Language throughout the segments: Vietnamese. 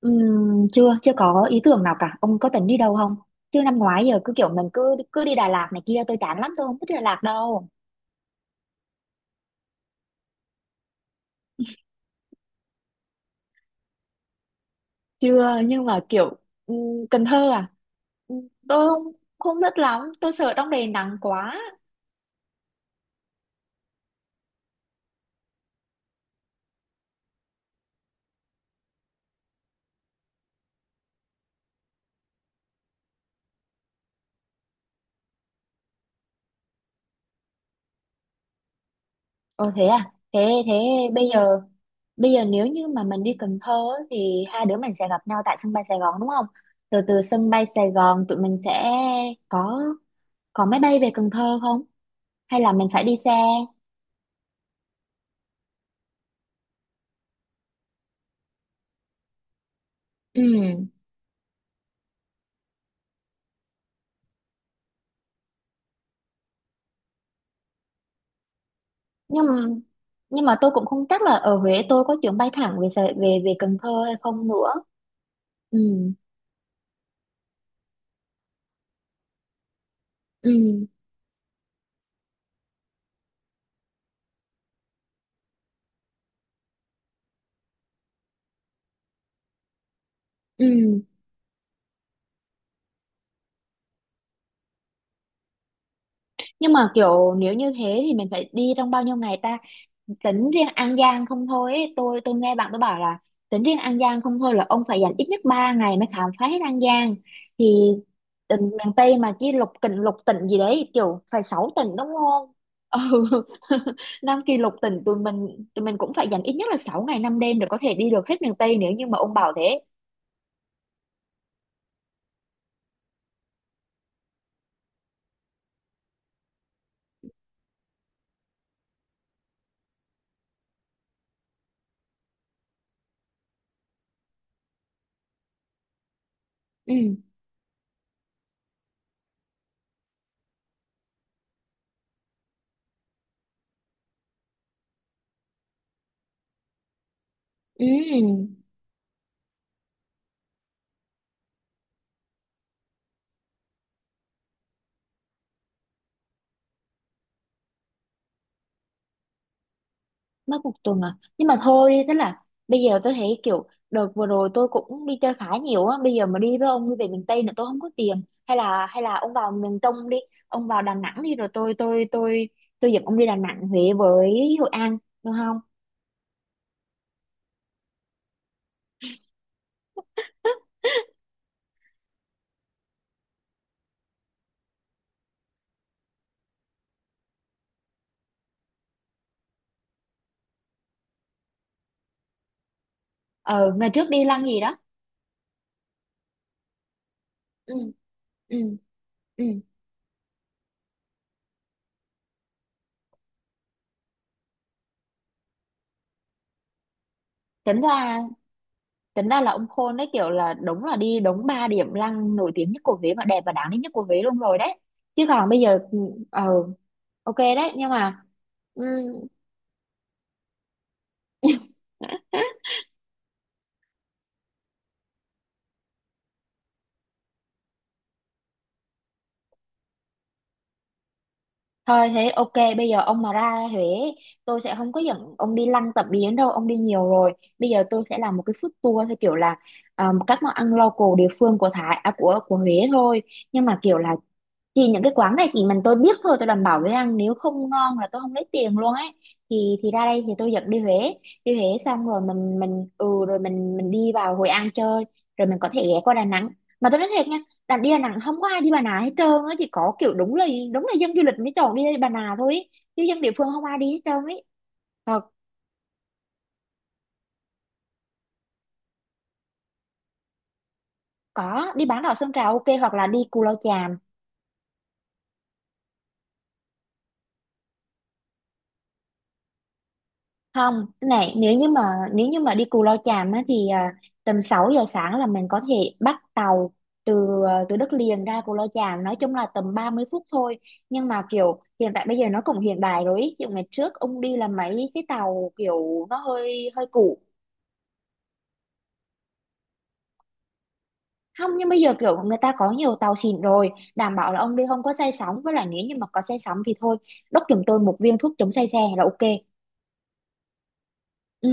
Chưa chưa có ý tưởng nào cả, ông có tính đi đâu không? Chứ năm ngoái giờ cứ kiểu mình cứ cứ đi Đà Lạt này kia, tôi chán lắm, tôi không thích Đà Lạt đâu. Chưa, nhưng mà kiểu ừm, Cần Thơ à? Tôi không không thích lắm, tôi sợ trong này nắng quá. Ồ thế à? Thế thế bây giờ bây giờ nếu như mà mình đi Cần Thơ á, thì hai đứa mình sẽ gặp nhau tại sân bay Sài Gòn đúng không? Rồi từ sân bay Sài Gòn tụi mình sẽ có có máy bay về Cần Thơ không, hay là mình phải đi xe? Ừ, nhưng mà nhưng mà tôi cũng không chắc là ở Huế tôi có chuyến bay thẳng về Sài- về về Cần Thơ hay không nữa. Ừ. Ừ. Ừ. Nhưng mà kiểu nếu như thế thì mình phải đi trong bao nhiêu ngày ta? Tính riêng An Giang không thôi ấy. Tôi nghe bạn tôi bảo là tính riêng An Giang không thôi là ông phải dành ít nhất 3 ngày mới khám phá hết An Giang. Thì tỉnh miền Tây mà chỉ lục tỉnh, gì đấy, kiểu phải 6 tỉnh đúng không? Ừ. Nam Kỳ lục tỉnh tụi mình, cũng phải dành ít nhất là 6 ngày 5 đêm để có thể đi được hết miền Tây nếu như mà ông bảo thế. Ừ. Ừ. Mất một tuần à? Nhưng mà thôi đi, tức là bây giờ tôi thấy kiểu đợt vừa rồi tôi cũng đi chơi khá nhiều á, bây giờ mà đi với ông đi về miền Tây nữa tôi không có tiền. Hay là ông vào miền Trung đi. Ông vào Đà Nẵng đi, rồi tôi dẫn ông đi Đà Nẵng, Huế với Hội An được không? Ờ, ngày trước đi lăng gì đó. Ừ. Ừ. Ừ. tính ra Tính ra là ông khôn đấy, kiểu là đúng là đi đúng ba điểm lăng nổi tiếng nhất của Huế, và đẹp và đáng đến nhất của Huế luôn rồi đấy. Chứ còn bây giờ ờ ok đấy, nhưng mà ừm, thôi thế ok, bây giờ ông mà ra Huế tôi sẽ không có dẫn ông đi lăng tẩm biến đâu, ông đi nhiều rồi. Bây giờ tôi sẽ làm một cái food tour theo kiểu là các món ăn local địa phương của Thái à, của Huế thôi. Nhưng mà kiểu là chỉ những cái quán này chỉ mình tôi biết thôi, tôi đảm bảo với ăn nếu không ngon là tôi không lấy tiền luôn ấy. Thì ra đây thì tôi dẫn đi Huế. Đi Huế xong rồi mình ừ rồi mình đi vào Hội An chơi. Rồi mình có thể ghé qua Đà Nẵng. Mà tôi nói thiệt nha, đi Đà Nẵng không có ai đi Bà Nà hết trơn á, chỉ có kiểu đúng là dân du lịch mới chọn đi Bà Nà thôi ý. Chứ dân địa phương không ai đi hết trơn ấy. Ờ, có, đi bán đảo Sơn Trà ok, hoặc là đi Cù Lao Chàm. Không, cái này nếu như mà đi Cù Lao Chàm á thì tầm 6 giờ sáng là mình có thể bắt tàu từ từ đất liền ra Cù Lao Chàm, nói chung là tầm 30 phút thôi. Nhưng mà kiểu hiện tại bây giờ nó cũng hiện đại rồi ý. Kiểu ngày trước ông đi là mấy cái tàu kiểu nó hơi hơi cũ. Không, nhưng bây giờ kiểu người ta có nhiều tàu xịn rồi, đảm bảo là ông đi không có say sóng, với lại nếu như mà có say sóng thì thôi, đốc giùm tôi một viên thuốc chống say xe là ok. Ừ.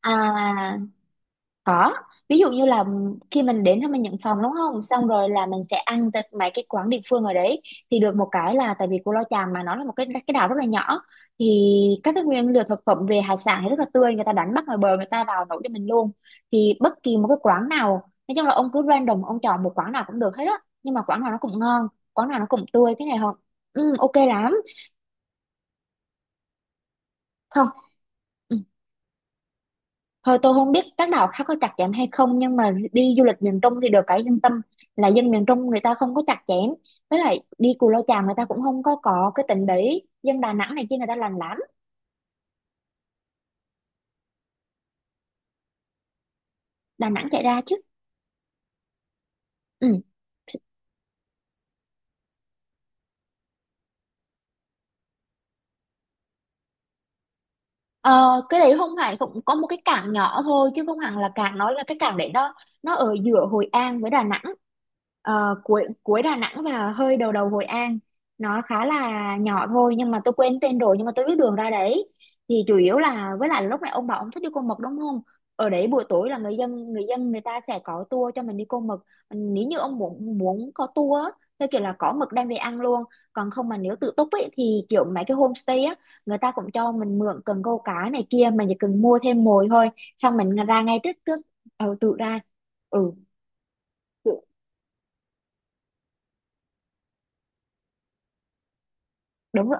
À, có, ví dụ như là khi mình đến thì mình nhận phòng đúng không? Xong rồi là mình sẽ ăn tại mấy cái quán địa phương ở đấy. Thì được một cái là tại vì Cù Lao Chàm mà nó là một cái đảo rất là nhỏ, thì các cái nguyên liệu thực phẩm về hải sản thì rất là tươi, người ta đánh bắt ngoài bờ người ta vào nấu cho mình luôn. Thì bất kỳ một cái quán nào, nói chung là ông cứ random ông chọn một quán nào cũng được hết á, nhưng mà quán nào nó cũng ngon, quán nào nó cũng tươi, cái này không? Ừ, ok lắm. Không. Thôi tôi không biết các đảo khác có chặt chém hay không, nhưng mà đi du lịch miền Trung thì được cái yên tâm là dân miền Trung người ta không có chặt chém. Với lại đi Cù Lao Chàm người ta cũng không có cái tính đấy, dân Đà Nẵng này kia người ta lành lắm. Đà Nẵng chạy ra chứ. Ừ. Ờ, cái đấy không phải, cũng có một cái cảng nhỏ thôi chứ không hẳn là cảng, nó là cái cảng đấy, nó ở giữa Hội An với Đà Nẵng. Ờ, cuối cuối Đà Nẵng và hơi đầu đầu Hội An, nó khá là nhỏ thôi nhưng mà tôi quên tên rồi, nhưng mà tôi biết đường ra đấy. Thì chủ yếu là với lại lúc này ông bảo ông thích đi Côn Mật đúng không? Ở đấy buổi tối là người ta sẽ có tour cho mình đi Côn Mật. Nếu như ông muốn muốn có tour á, theo kiểu là có mực đem về ăn luôn. Còn không mà nếu tự túc ấy thì kiểu mấy cái homestay á, người ta cũng cho mình mượn cần câu cá này kia, mình chỉ cần mua thêm mồi thôi, xong mình ra ngay trước trước. Ừ, tự ra. Ừ, tự, đúng rồi.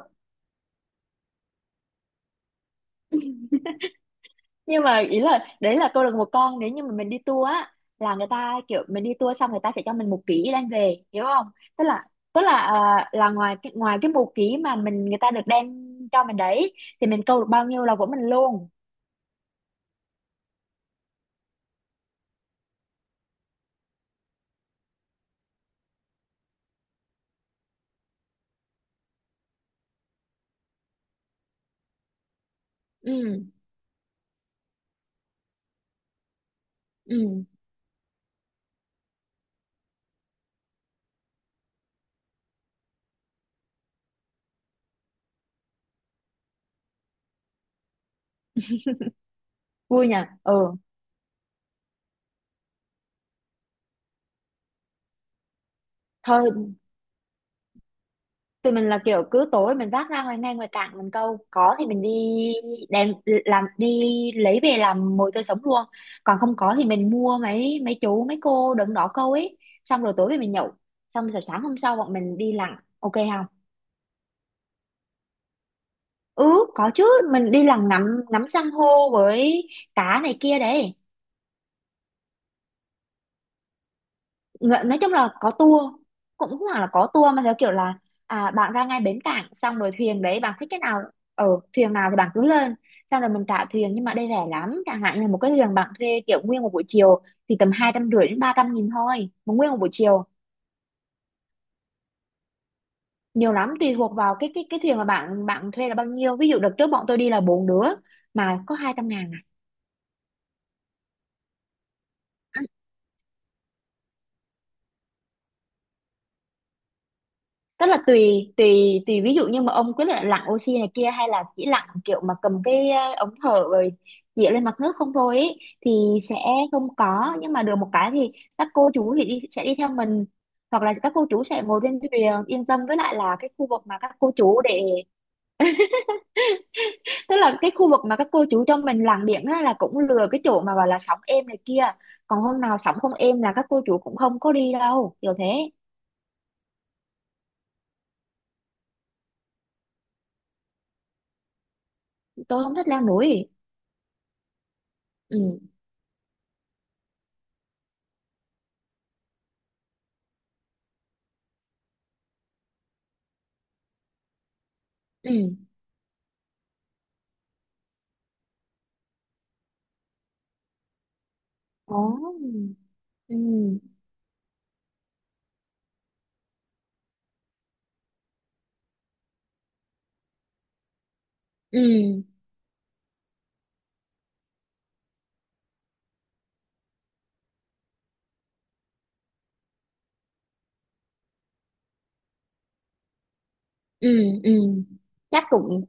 Nhưng mà ý là đấy là câu lạc bộ con, nếu như mà mình đi tour á là người ta kiểu mình đi tour xong người ta sẽ cho mình 1 ký đem về hiểu không? Tức là tức là là ngoài cái một ký mà mình người ta được đem cho mình đấy, thì mình câu được bao nhiêu là của mình luôn. Ừ. Ừ. Vui nhỉ. Ừ. Thôi tụi mình là kiểu cứ tối mình vác ra ngoài ngay ngoài cảng mình câu, có thì mình đi đem làm đi, lấy về làm mồi tươi sống luôn. Còn không có thì mình mua mấy mấy chú mấy cô đứng đó câu ấy, xong rồi tối về mình nhậu, xong rồi sáng hôm sau bọn mình đi lặn ok không? Ừ, có chứ, mình đi lặn ngắm ngắm san hô với cá này kia đấy. Dạ, nói chung là có tour, cũng không hẳn là có tour mà theo kiểu là bạn ra ngay bến cảng, xong rồi thuyền đấy bạn thích cái nào, ở thuyền nào thì bạn cứ lên, xong rồi mình trả thuyền. Nhưng mà đây rẻ lắm, chẳng hạn như một cái thuyền bạn thuê kiểu nguyên một buổi chiều thì tầm 250 đến 300 nghìn thôi, một nguyên một buổi chiều. Nhiều lắm, tùy thuộc vào cái thuyền mà bạn bạn thuê là bao nhiêu. Ví dụ đợt trước bọn tôi đi là bốn đứa mà có 200 ngàn. À, tức là tùy tùy tùy ví dụ như mà ông quyết định lặn oxy này kia, hay là chỉ lặn kiểu mà cầm cái ống thở rồi dịa lên mặt nước không thôi ý, thì sẽ không có. Nhưng mà được một cái thì các cô chú sẽ đi theo mình, hoặc là các cô chú sẽ ngồi trên thuyền yên tâm. Với lại là cái khu vực mà các cô chú để, tức là cái khu vực mà các cô chú cho mình lặn biển á, là cũng lừa cái chỗ mà gọi là sóng êm này kia. Còn hôm nào sóng không êm là các cô chú cũng không có đi đâu, kiểu thế. Tôi không thích leo núi. Ừ. Ừ. Ồ. Ừ. Ừ. Ừ. Ừ. Chắc cũng,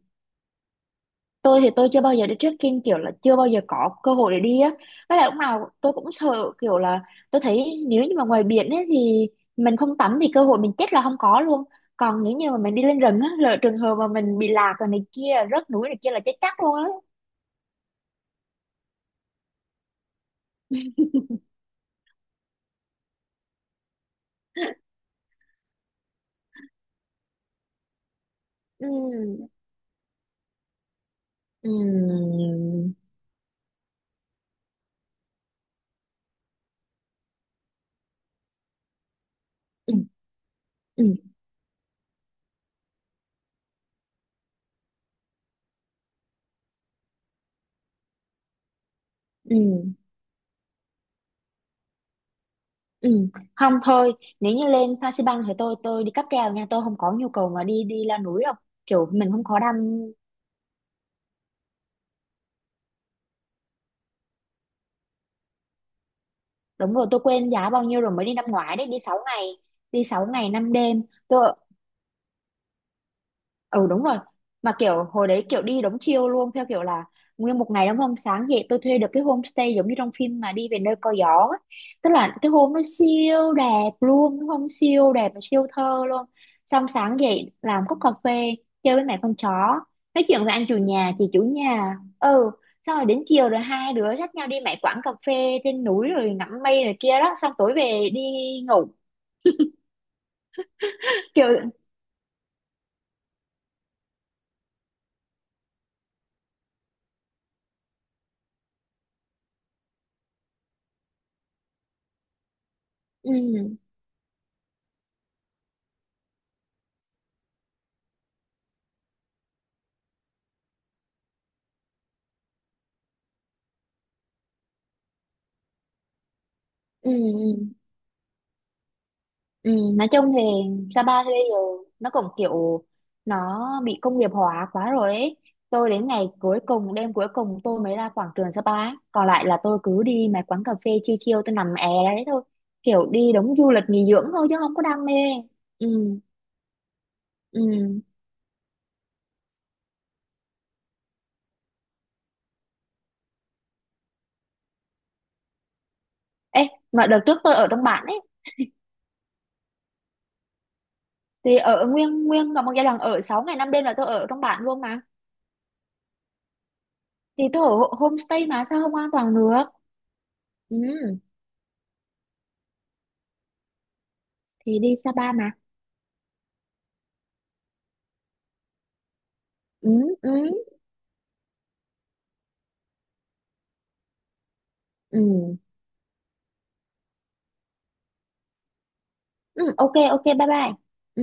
tôi thì tôi chưa bao giờ đi trekking, kiểu là chưa bao giờ có cơ hội để đi á. Với lại lúc nào tôi cũng sợ kiểu là tôi thấy nếu như mà ngoài biển ấy thì mình không tắm thì cơ hội mình chết là không có luôn. Còn nếu như mà mình đi lên rừng á, lỡ trường hợp mà mình bị lạc rồi này kia, rớt núi này kia là chết chắc luôn á. Ừ. Ừ. Ừ. Ừ. Ừ. Ừ, không, thôi, nếu như lên Phan Xi Păng thì tôi đi cáp treo nha, tôi không có nhu cầu mà đi đi leo núi đâu. Kiểu mình không có đăng, đúng rồi, tôi quên giá bao nhiêu rồi. Mới đi năm ngoái đấy, đi 6 ngày, đi 6 ngày 5 đêm. Tôi, ừ, đúng rồi. Mà kiểu hồi đấy kiểu đi đống chiêu luôn, theo kiểu là nguyên một ngày đúng không, sáng dậy tôi thuê được cái homestay giống như trong phim mà đi về nơi có gió á. Tức là cái hôm nó siêu đẹp luôn đúng không, siêu đẹp và siêu thơ luôn. Xong sáng dậy làm cốc cà phê, chơi với mẹ con chó, nói chuyện với anh chủ nhà chị chủ nhà. Ừ, xong rồi đến chiều rồi hai đứa dắt nhau đi mấy quán cà phê trên núi rồi ngắm mây này kia đó, xong tối về đi ngủ. Kiểu. Ừ. Ừ. Ừ. Ừ, nói chung thì Sapa bây giờ nó cũng kiểu nó bị công nghiệp hóa quá rồi ấy. Tôi đến ngày cuối cùng, đêm cuối cùng tôi mới ra quảng trường Sapa ấy. Còn lại là tôi cứ đi mấy quán cà phê chiêu chiêu, tôi nằm è ra đấy thôi. Kiểu đi đúng du lịch nghỉ dưỡng thôi chứ không có đam mê. Ừ, ừ. Ê, mà đợt trước tôi ở trong bản ấy. Thì ở nguyên nguyên cả một giai đoạn ở 6 ngày 5 đêm là tôi ở trong bản luôn mà. Thì tôi ở homestay mà sao không an toàn được. Ừ, thì đi Sapa mà. Ừ, ừ, ừ. Ừ, ok ok, bye bye. Ừ.